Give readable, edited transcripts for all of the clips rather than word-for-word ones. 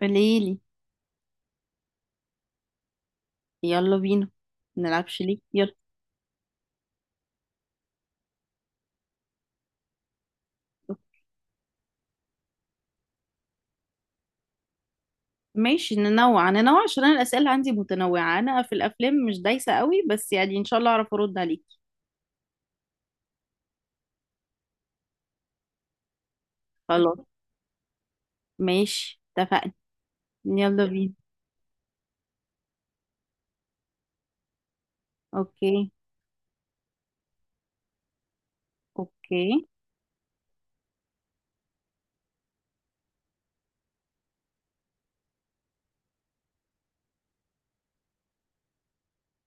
قوليلي. يلا بينا. منلعبش ليه؟ يلا. ماشي، ننوع ننوع عشان انا الاسئله عندي متنوعه. انا في الافلام مش دايسه قوي، بس يعني ان شاء الله اعرف ارد عليك. خلاص، ماشي، اتفقنا. يلا بينا. اوكي. اوكي.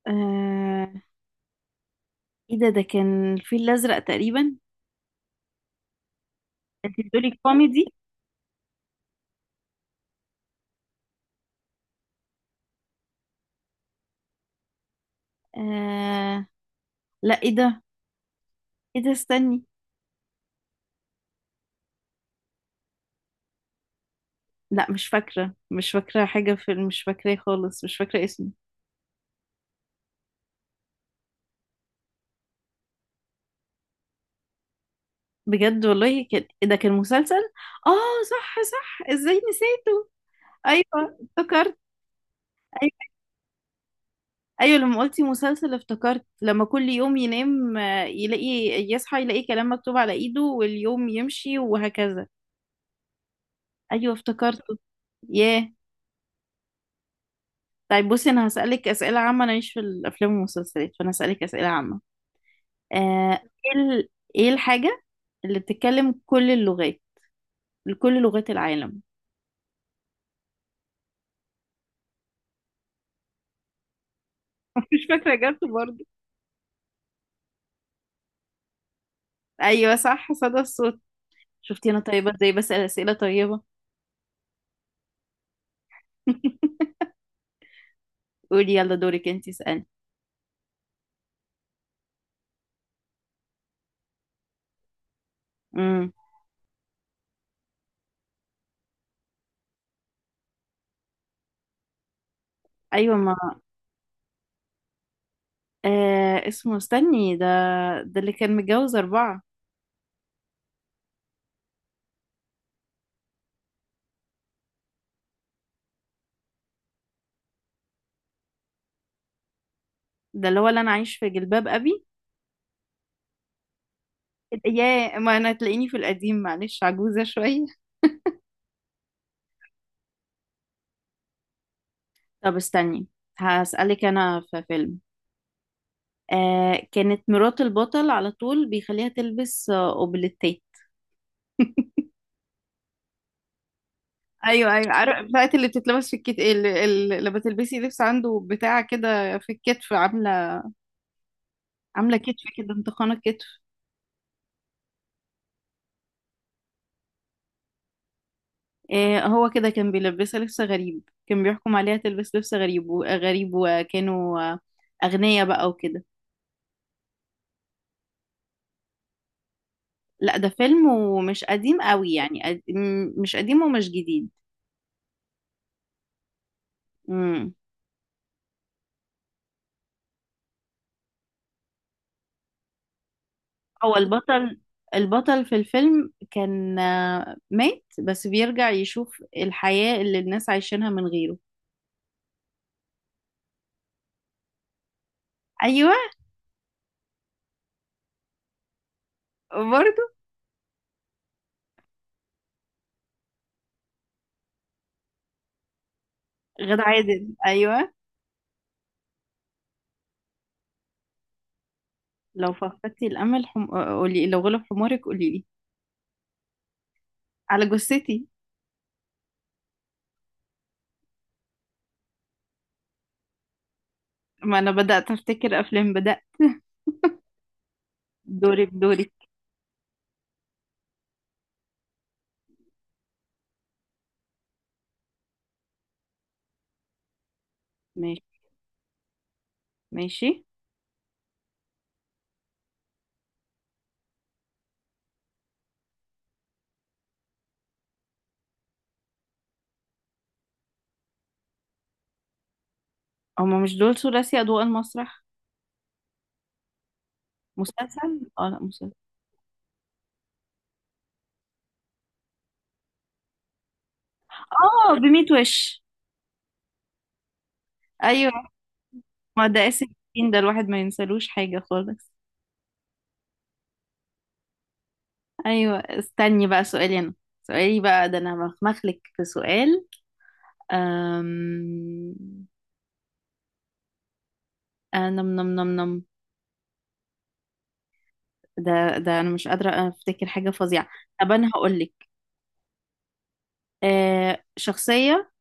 آه... ايه ده؟ ده كان الفيل الازرق تقريبا. انت بتقولي كوميدي؟ آه... لا، ايه ده؟ ايه ده؟ استني. لا، مش فاكره، مش فاكره حاجه، في مش فاكراه خالص، مش فاكره اسمه. بجد والله، كان إيه ده؟ كان مسلسل. اه، صح، صح، ازاي نسيته؟ ايوه افتكرت. ايوه، أيوة، لما قلتي مسلسل افتكرت لما كل يوم ينام يلاقي، يصحى يلاقي كلام مكتوب على ايده واليوم يمشي وهكذا. ايوه افتكرته. ياه. طيب، بصي، انا هسألك اسئلة عامة. انا ماليش في الافلام والمسلسلات، فانا هسألك اسئلة عامة. آه. ايه ال- ايه الحاجة اللي بتتكلم كل اللغات؟ كل لغات العالم؟ مش فاكرة جت برضه. ايوه، صح، صدى الصوت. شفتي انا طيبة ازاي؟ بسأل اسئلة طيبة. قولي يلا، دورك انتي، اسألي. امم. ايوه، ما. آه، اسمه، استني، ده. ده اللي كان متجوز اربعة. ده اللي هو اللي انا عايش في جلباب ابي. يا ما انا تلاقيني في القديم، معلش، عجوزة شوية. طب استني، هسألك انا في فيلم. كانت مرات البطل على طول بيخليها تلبس اوبليتيه. ايوه، ايوه، عارف بتاعت اللي بتتلبس في الكت، اللي لما تلبسي لبس عنده، بتاع كده في الكتف عامله. عامله كتف كده، انتقانه كتف. هو كده كان بيلبسها لبس غريب، كان بيحكم عليها تلبس لبس غريب وغريب، وكانوا أغنياء بقى وكده. لا، ده فيلم ومش قديم قوي، يعني مش قديم ومش جديد. مم. هو البطل. البطل في الفيلم كان مات، بس بيرجع يشوف الحياة اللي الناس عايشينها من غيره. أيوة. برضو. غادة عادل، أيوة. لو فقدتي الأمل قولي، لو غلب حمارك قولي لي. على جثتي. ما أنا بدأت أفتكر أفلام، بدأ. دورك، دورك. ماشي. ماشي. هما مش دول ثلاثي أضواء المسرح؟ مسلسل، اه، لا، مسلسل. اه، بميت وش. ايوه، ما ده اسم الدين، ده الواحد ما ينسلوش حاجة خالص. ايوه، استني بقى سؤالي انا. سؤالي بقى ده، انا مخمخلك في سؤال. أم... آه نم نم نم نم ده ده انا مش قادرة افتكر حاجة فظيعة. طب انا هقول لك. شخصية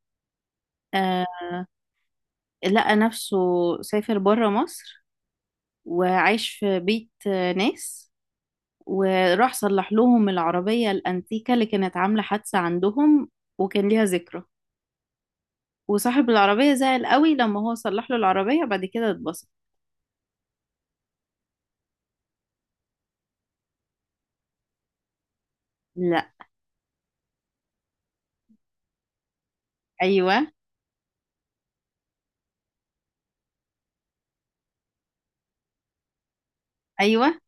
آه لقى نفسه، سافر بره مصر، وعايش في بيت ناس. وراح صلح لهم العربية الأنتيكة اللي كانت عاملة حادثة عندهم، وكان ليها ذكرى. وصاحب العربية زعل قوي لما هو صلح له العربية، بعد كده اتبسط. لا. أيوة، أيوة،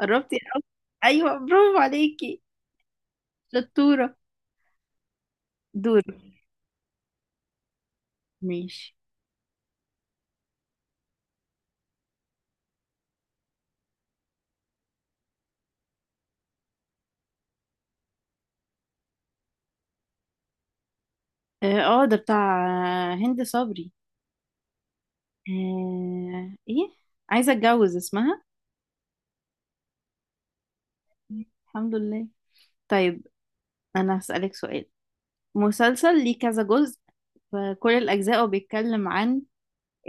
قربتي أوي. أيوة، برافو عليكي، شطورة. دور. ماشي. اه، آه، ده بتاع هند صبري. آه، ايه، عايزة اتجوز اسمها. الحمد لله. طيب، أنا هسألك سؤال. مسلسل ليه كذا جزء، فكل الأجزاء بيتكلم عن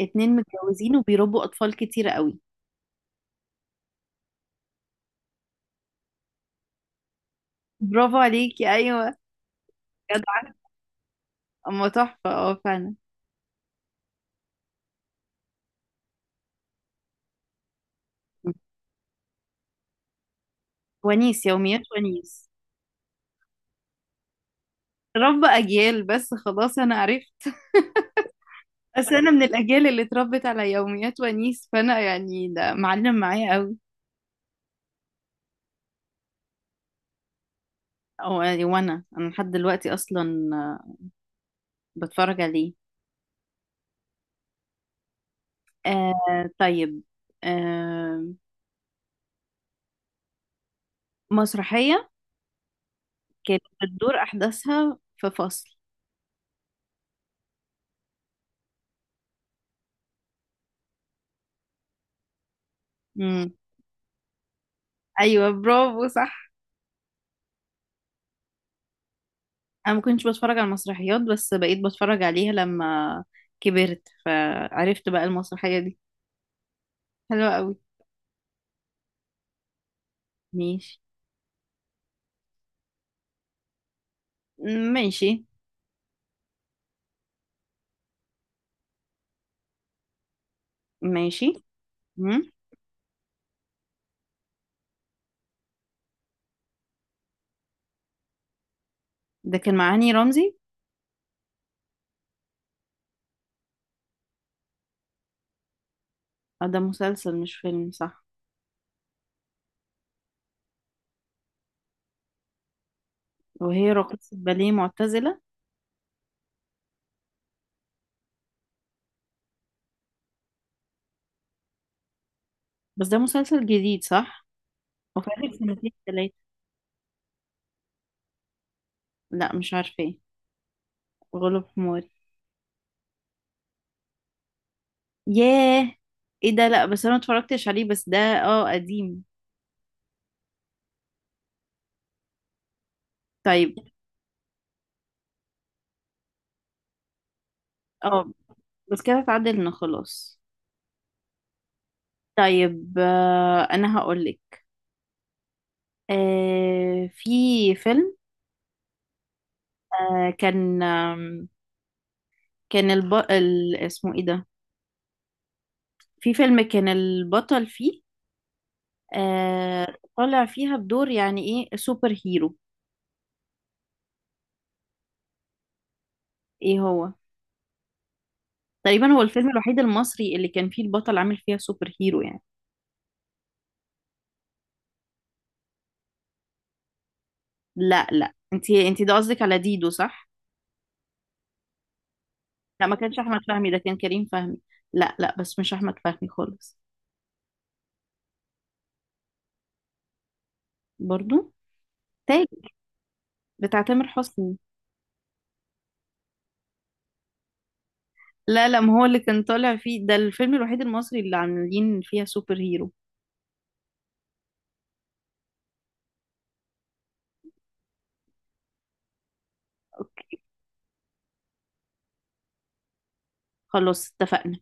اتنين متجوزين وبيربوا اطفال كتير قوي. برافو عليكي، ايوه. جدعة. اما تحفة، اه، فعلا. ونيس، يوميات ونيس. رب اجيال بس خلاص انا عرفت. بس انا من الاجيال اللي اتربت على يوميات ونيس، فانا يعني ده معلم معايا قوي. أو يعني، وانا لحد دلوقتي اصلا بتفرج عليه. آه، طيب. آه مسرحية كانت بتدور احداثها في فصل. امم. ايوه، برافو، صح. انا ما كنتش بتفرج على المسرحيات، بس بقيت بتفرج عليها لما كبرت، فعرفت بقى المسرحية دي حلوة قوي. ماشي. ماشي. ماشي. مم. ده كان مع هاني رمزي. ده مسلسل مش فيلم، صح؟ وهي راقصة باليه معتزلة. بس ده مسلسل جديد، صح؟ وفاتك سنتين تلاتة؟ لا، مش عارفة ايه. غلب حماري. ياه. ايه ده؟ لا، بس انا متفرجتش عليه، بس ده اه قديم. طيب. اه، بس كده اتعدلنا خلاص. طيب، انا هقولك. في فيلم. آه، كان آم، كان اسمه ايه ده. في فيلم كان البطل فيه طالع فيها بدور يعني. ايه، سوبر هيرو. ايه هو. تقريبا هو الفيلم الوحيد المصري اللي كان فيه البطل عامل فيها سوبر هيرو يعني. لا، لا، انتي ده قصدك على ديدو، صح؟ لا ما كانش احمد فهمي، ده كان كريم فهمي. لا، لا بس مش احمد فهمي خالص. برضو. تاج بتاع تامر حسني. لا، لا، ما هو اللي كان طالع فيه ده الفيلم الوحيد المصري اللي عاملين فيها سوبر هيرو. اوكي، خلاص، اتفقنا.